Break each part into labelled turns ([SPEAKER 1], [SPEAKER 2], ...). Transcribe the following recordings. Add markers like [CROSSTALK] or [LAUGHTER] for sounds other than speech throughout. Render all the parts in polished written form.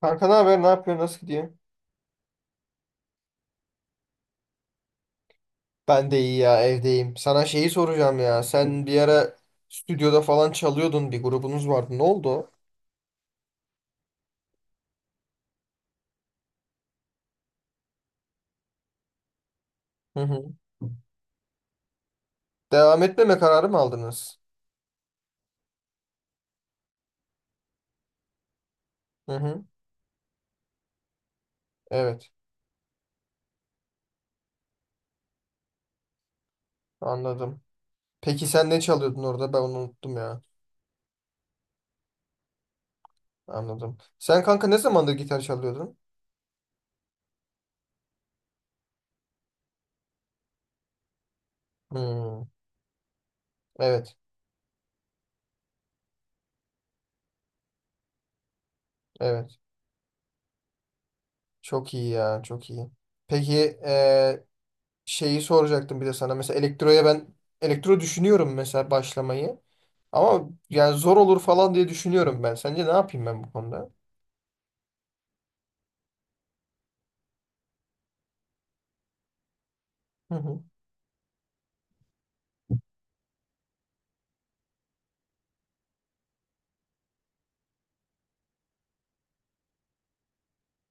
[SPEAKER 1] Kanka ne haber? Ne yapıyorsun? Nasıl gidiyor? Ben de iyi ya evdeyim. Sana şeyi soracağım ya. Sen bir ara stüdyoda falan çalıyordun. Bir grubunuz vardı. Ne oldu? O? Hı hı. Devam etmeme kararı mı aldınız? Hı hı. Evet. Anladım. Peki sen ne çalıyordun orada? Ben onu unuttum ya. Anladım. Sen kanka ne zamandır gitar çalıyordun? Hmm. Evet. Evet. Çok iyi ya. Çok iyi. Peki eee, şeyi soracaktım bir de sana. Mesela elektro düşünüyorum mesela başlamayı. Ama yani zor olur falan diye düşünüyorum ben. Sence ne yapayım ben bu konuda? Hı hı.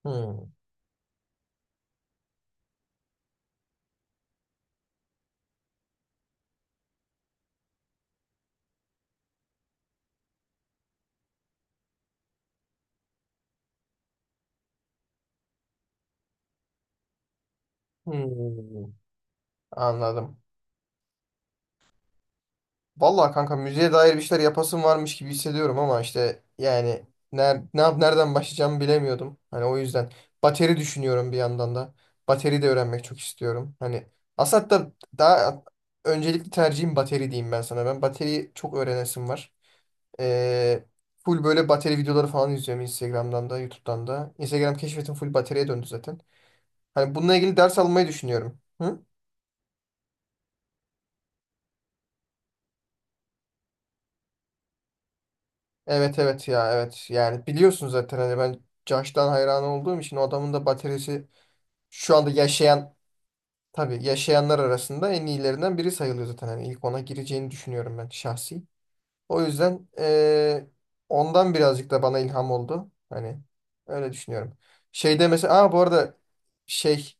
[SPEAKER 1] Hı. Hı. Anladım. Vallahi kanka müziğe dair bir şeyler yapasım varmış gibi hissediyorum ama işte yani ner ne yap nereden başlayacağımı bilemiyordum. Hani o yüzden bateri düşünüyorum bir yandan da. Bateri de öğrenmek çok istiyorum. Hani aslında hatta daha öncelikli tercihim bateri diyeyim ben sana. Ben bateriyi çok öğrenesim var. Ee, full böyle bateri videoları falan izliyorum Instagram'dan da YouTube'dan da. Instagram keşfetim full bataryaya döndü zaten. Hani bununla ilgili ders almayı düşünüyorum. Hı? Evet evet ya evet. Yani biliyorsun zaten hani ben Josh'tan hayran olduğum için o adamın da bataryası şu anda yaşayan tabii yaşayanlar arasında en iyilerinden biri sayılıyor zaten. Hani ilk ona gireceğini düşünüyorum ben şahsi. O yüzden ondan birazcık da bana ilham oldu. Hani öyle düşünüyorum. Şeyde mesela bu arada şey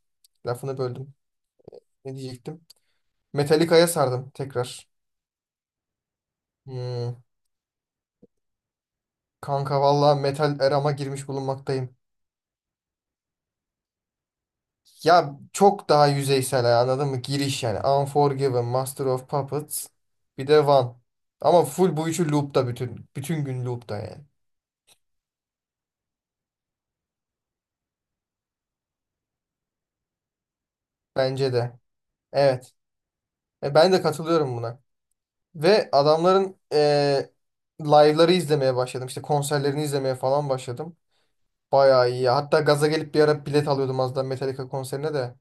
[SPEAKER 1] lafını böldüm. Ne diyecektim? Metallica'ya sardım tekrar. Hmm. Kanka valla metal erama girmiş bulunmaktayım. Ya çok daha yüzeysel ya, anladın mı? Giriş yani. Unforgiven, Master of Puppets, bir de One. Ama full bu üçü loop'ta Bütün gün loop'ta yani. Bence de. Evet. Ben de katılıyorum buna. Ve adamların live'ları izlemeye başladım. İşte konserlerini izlemeye falan başladım. Bayağı iyi ya. Hatta gaza gelip bir ara bilet alıyordum az daha Metallica konserine de.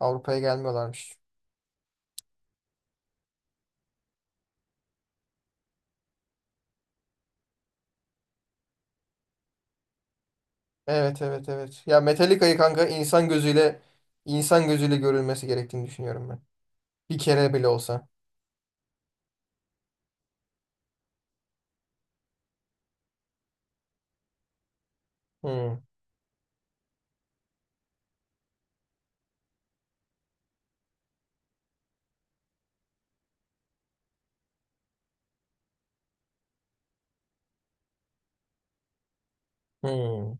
[SPEAKER 1] Avrupa'ya gelmiyorlarmış. Evet evet evet. Ya Metallica'yı kanka insan gözüyle görülmesi gerektiğini düşünüyorum ben. Bir kere bile olsa. Hmm, hmm.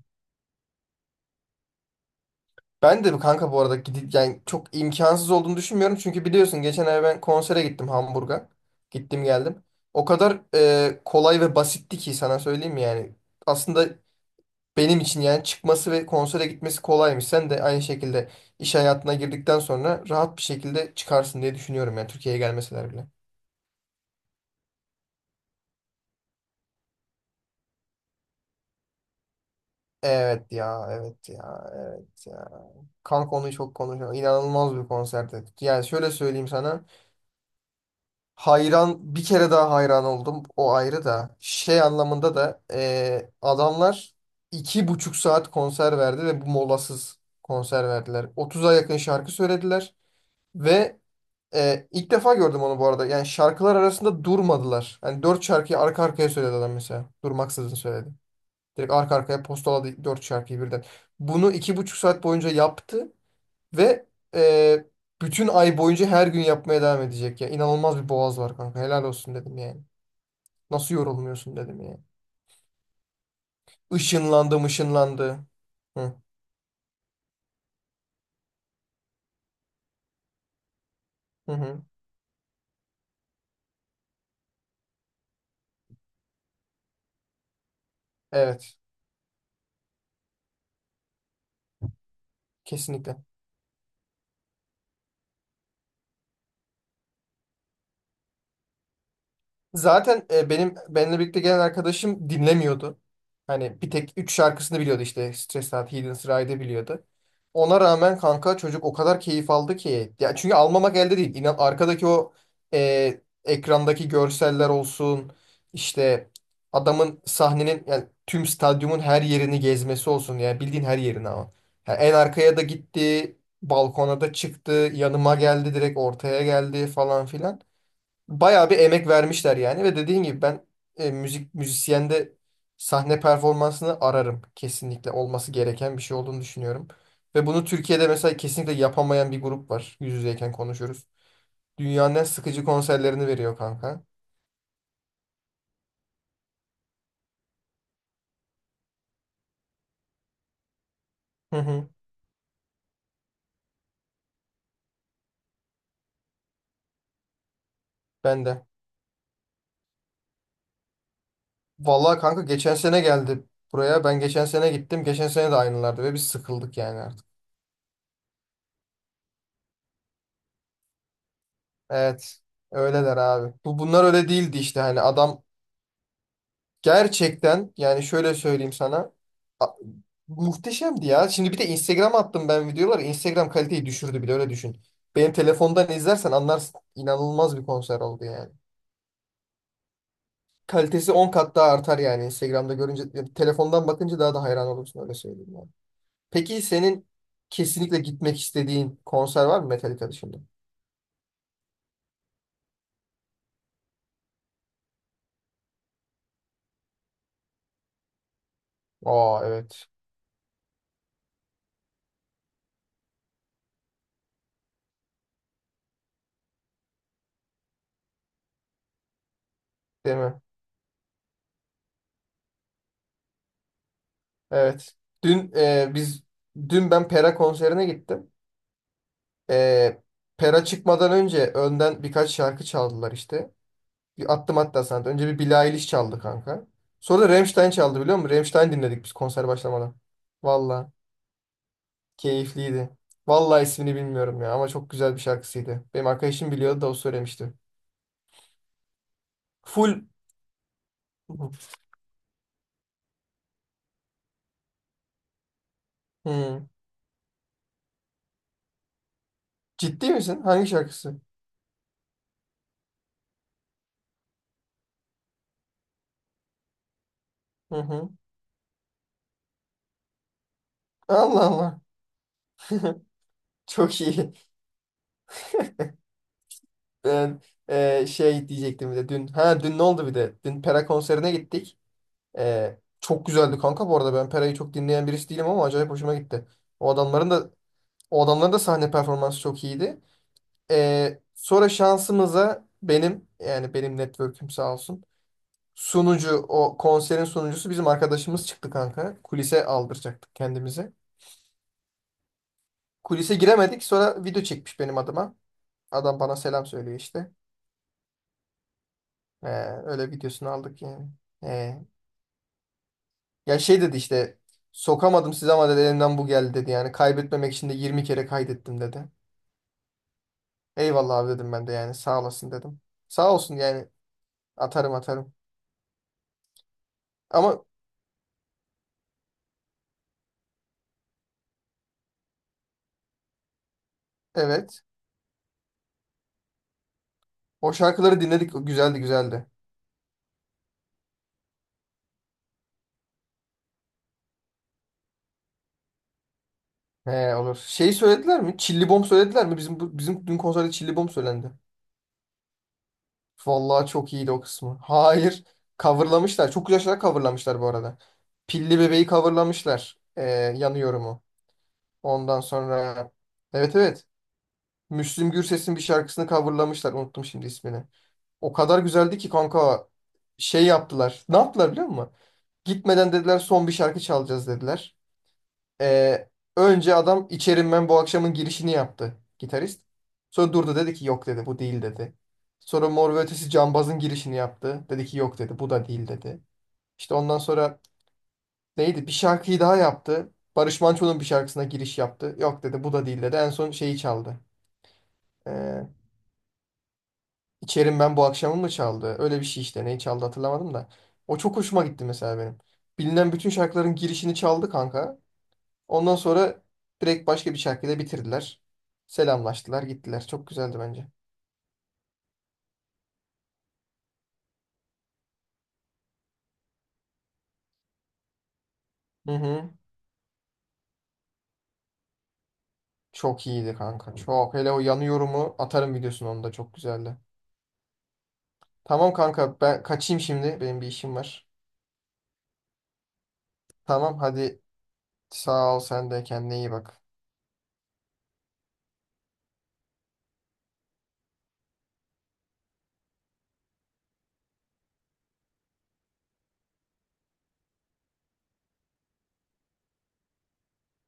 [SPEAKER 1] Ben de kanka bu arada gidip yani çok imkansız olduğunu düşünmüyorum. Çünkü biliyorsun geçen ay ben konsere gittim Hamburg'a. Gittim geldim. O kadar kolay ve basitti ki sana söyleyeyim mi yani. Aslında benim için yani çıkması ve konsere gitmesi kolaymış. Sen de aynı şekilde iş hayatına girdikten sonra rahat bir şekilde çıkarsın diye düşünüyorum yani Türkiye'ye gelmeseler bile. Evet ya, evet ya, evet ya. Kanka onu çok konuşuyor. İnanılmaz bir konserdi. Yani şöyle söyleyeyim sana. Hayran, bir kere daha hayran oldum. O ayrı da. Şey anlamında da adamlar 2,5 saat konser verdi ve bu molasız konser verdiler. 30'a yakın şarkı söylediler ve ilk defa gördüm onu bu arada. Yani şarkılar arasında durmadılar. Yani dört şarkıyı arka arkaya söyledi adam mesela. Durmaksızın söyledi. Direkt arka arkaya postaladı 4 şarkıyı birden. Bunu 2,5 saat boyunca yaptı ve e, bütün ay boyunca her gün yapmaya devam edecek ya. İnanılmaz bir boğaz var kanka. Helal olsun dedim yani. Nasıl yorulmuyorsun dedim yani. Işınlandı mışınlandı. Hı hı. Hı. Evet. Kesinlikle. Zaten benim benimle birlikte gelen arkadaşım dinlemiyordu. Hani bir tek 3 şarkısını biliyordu işte. Stressed Out, Hidden Ride'ı biliyordu. Ona rağmen kanka çocuk o kadar keyif aldı ki. Ya çünkü almamak elde değil. İnan arkadaki o ekrandaki görseller olsun. İşte adamın sahnenin yani tüm stadyumun her yerini gezmesi olsun. Yani bildiğin her yerini ama. Yani en arkaya da gitti. Balkona da çıktı. Yanıma geldi direkt ortaya geldi falan filan bayağı bir emek vermişler yani ve dediğin gibi ben e, müzik müzisyende sahne performansını ararım. Kesinlikle olması gereken bir şey olduğunu düşünüyorum. Ve bunu Türkiye'de mesela kesinlikle yapamayan bir grup var. Yüz yüzeyken konuşuyoruz. Dünyanın en sıkıcı konserlerini veriyor kanka. Hı hı, ben de. Vallahi kanka geçen sene geldi buraya. Ben geçen sene gittim. Geçen sene de aynılardı ve biz sıkıldık yani artık. Evet. Öyleler abi. Bunlar öyle değildi işte hani adam gerçekten yani şöyle söyleyeyim sana. a- Muhteşemdi ya. Şimdi bir de Instagram attım ben videoları. Instagram kaliteyi düşürdü bile öyle düşün. Benim telefondan izlersen anlarsın. İnanılmaz bir konser oldu yani. Kalitesi 10 kat daha artar yani Instagram'da görünce. Yani telefondan bakınca daha da hayran olursun öyle söyleyeyim yani. Peki senin kesinlikle gitmek istediğin konser var mı Metallica dışında? Aa evet. Değil mi? Evet. Dün biz dün ben Pera konserine gittim. Ee, Pera çıkmadan önce önden birkaç şarkı çaldılar işte. Bir attım hatta sana da. Önce bir Billie Eilish çaldı kanka. Sonra da Rammstein çaldı biliyor musun? Rammstein dinledik biz konser başlamadan. Valla keyifliydi. Valla ismini bilmiyorum ya ama çok güzel bir şarkısıydı. Benim arkadaşım biliyordu da o söylemişti. Full... Hmm. Ciddi misin? Hangi şarkısı? Hı hı. Allah Allah. [LAUGHS] Çok iyi. Ben şey diyecektim bir de dün. Ha dün ne oldu bir de? Dün Pera konserine gittik. Çok güzeldi kanka bu arada. Ben Pera'yı çok dinleyen birisi değilim ama acayip hoşuma gitti. O adamların da o adamların da sahne performansı çok iyiydi. Sonra şansımıza benim yani benim network'üm sağ olsun. Sunucu o konserin sunucusu bizim arkadaşımız çıktı kanka. Kulise aldıracaktık kendimizi. Kulise giremedik sonra video çekmiş benim adıma. Adam bana selam söylüyor işte. Ee, öyle videosunu aldık yani. Ee, Ya şey dedi işte sokamadım size ama dedi elimden bu geldi dedi. Yani kaybetmemek için de 20 kere kaydettim dedi. Eyvallah abi dedim ben de yani sağ olasın dedim. Sağ olsun yani atarım atarım. Ama evet o şarkıları dinledik güzeldi güzeldi. He olur. Şey söylediler mi? Çilli Bom söylediler mi? Bizim bizim dün konserde Çilli Bom söylendi. Vallahi çok iyiydi o kısmı. Hayır. Coverlamışlar. Çok güzel şeyler coverlamışlar bu arada. Pilli Bebeği coverlamışlar. Yanıyorum'u. Ondan sonra evet evet. Müslüm Gürses'in bir şarkısını coverlamışlar. Unuttum şimdi ismini. O kadar güzeldi ki kanka şey yaptılar. Ne yaptılar biliyor musun? Gitmeden dediler son bir şarkı çalacağız dediler. Ee, önce adam İçerim Ben bu akşamın girişini yaptı gitarist. Sonra durdu dedi ki yok dedi bu değil dedi. Sonra Mor ve Ötesi Cambaz'ın girişini yaptı. Dedi ki yok dedi bu da değil dedi. İşte ondan sonra neydi bir şarkıyı daha yaptı. Barış Manço'nun bir şarkısına giriş yaptı. Yok dedi bu da değil dedi. En son şeyi çaldı. Ee, İçerim ben bu akşamı mı çaldı? Öyle bir şey işte. Neyi çaldı hatırlamadım da. O çok hoşuma gitti mesela benim. Bilinen bütün şarkıların girişini çaldı kanka. Ondan sonra direkt başka bir şarkıyla bitirdiler. Selamlaştılar, gittiler. Çok güzeldi bence. Hı hı. Çok iyiydi kanka. Çok. Hele o yanıyorumu atarım videosunu onu da çok güzeldi. Tamam kanka ben kaçayım şimdi. Benim bir işim var. Tamam hadi sağ ol sen de kendine iyi bak.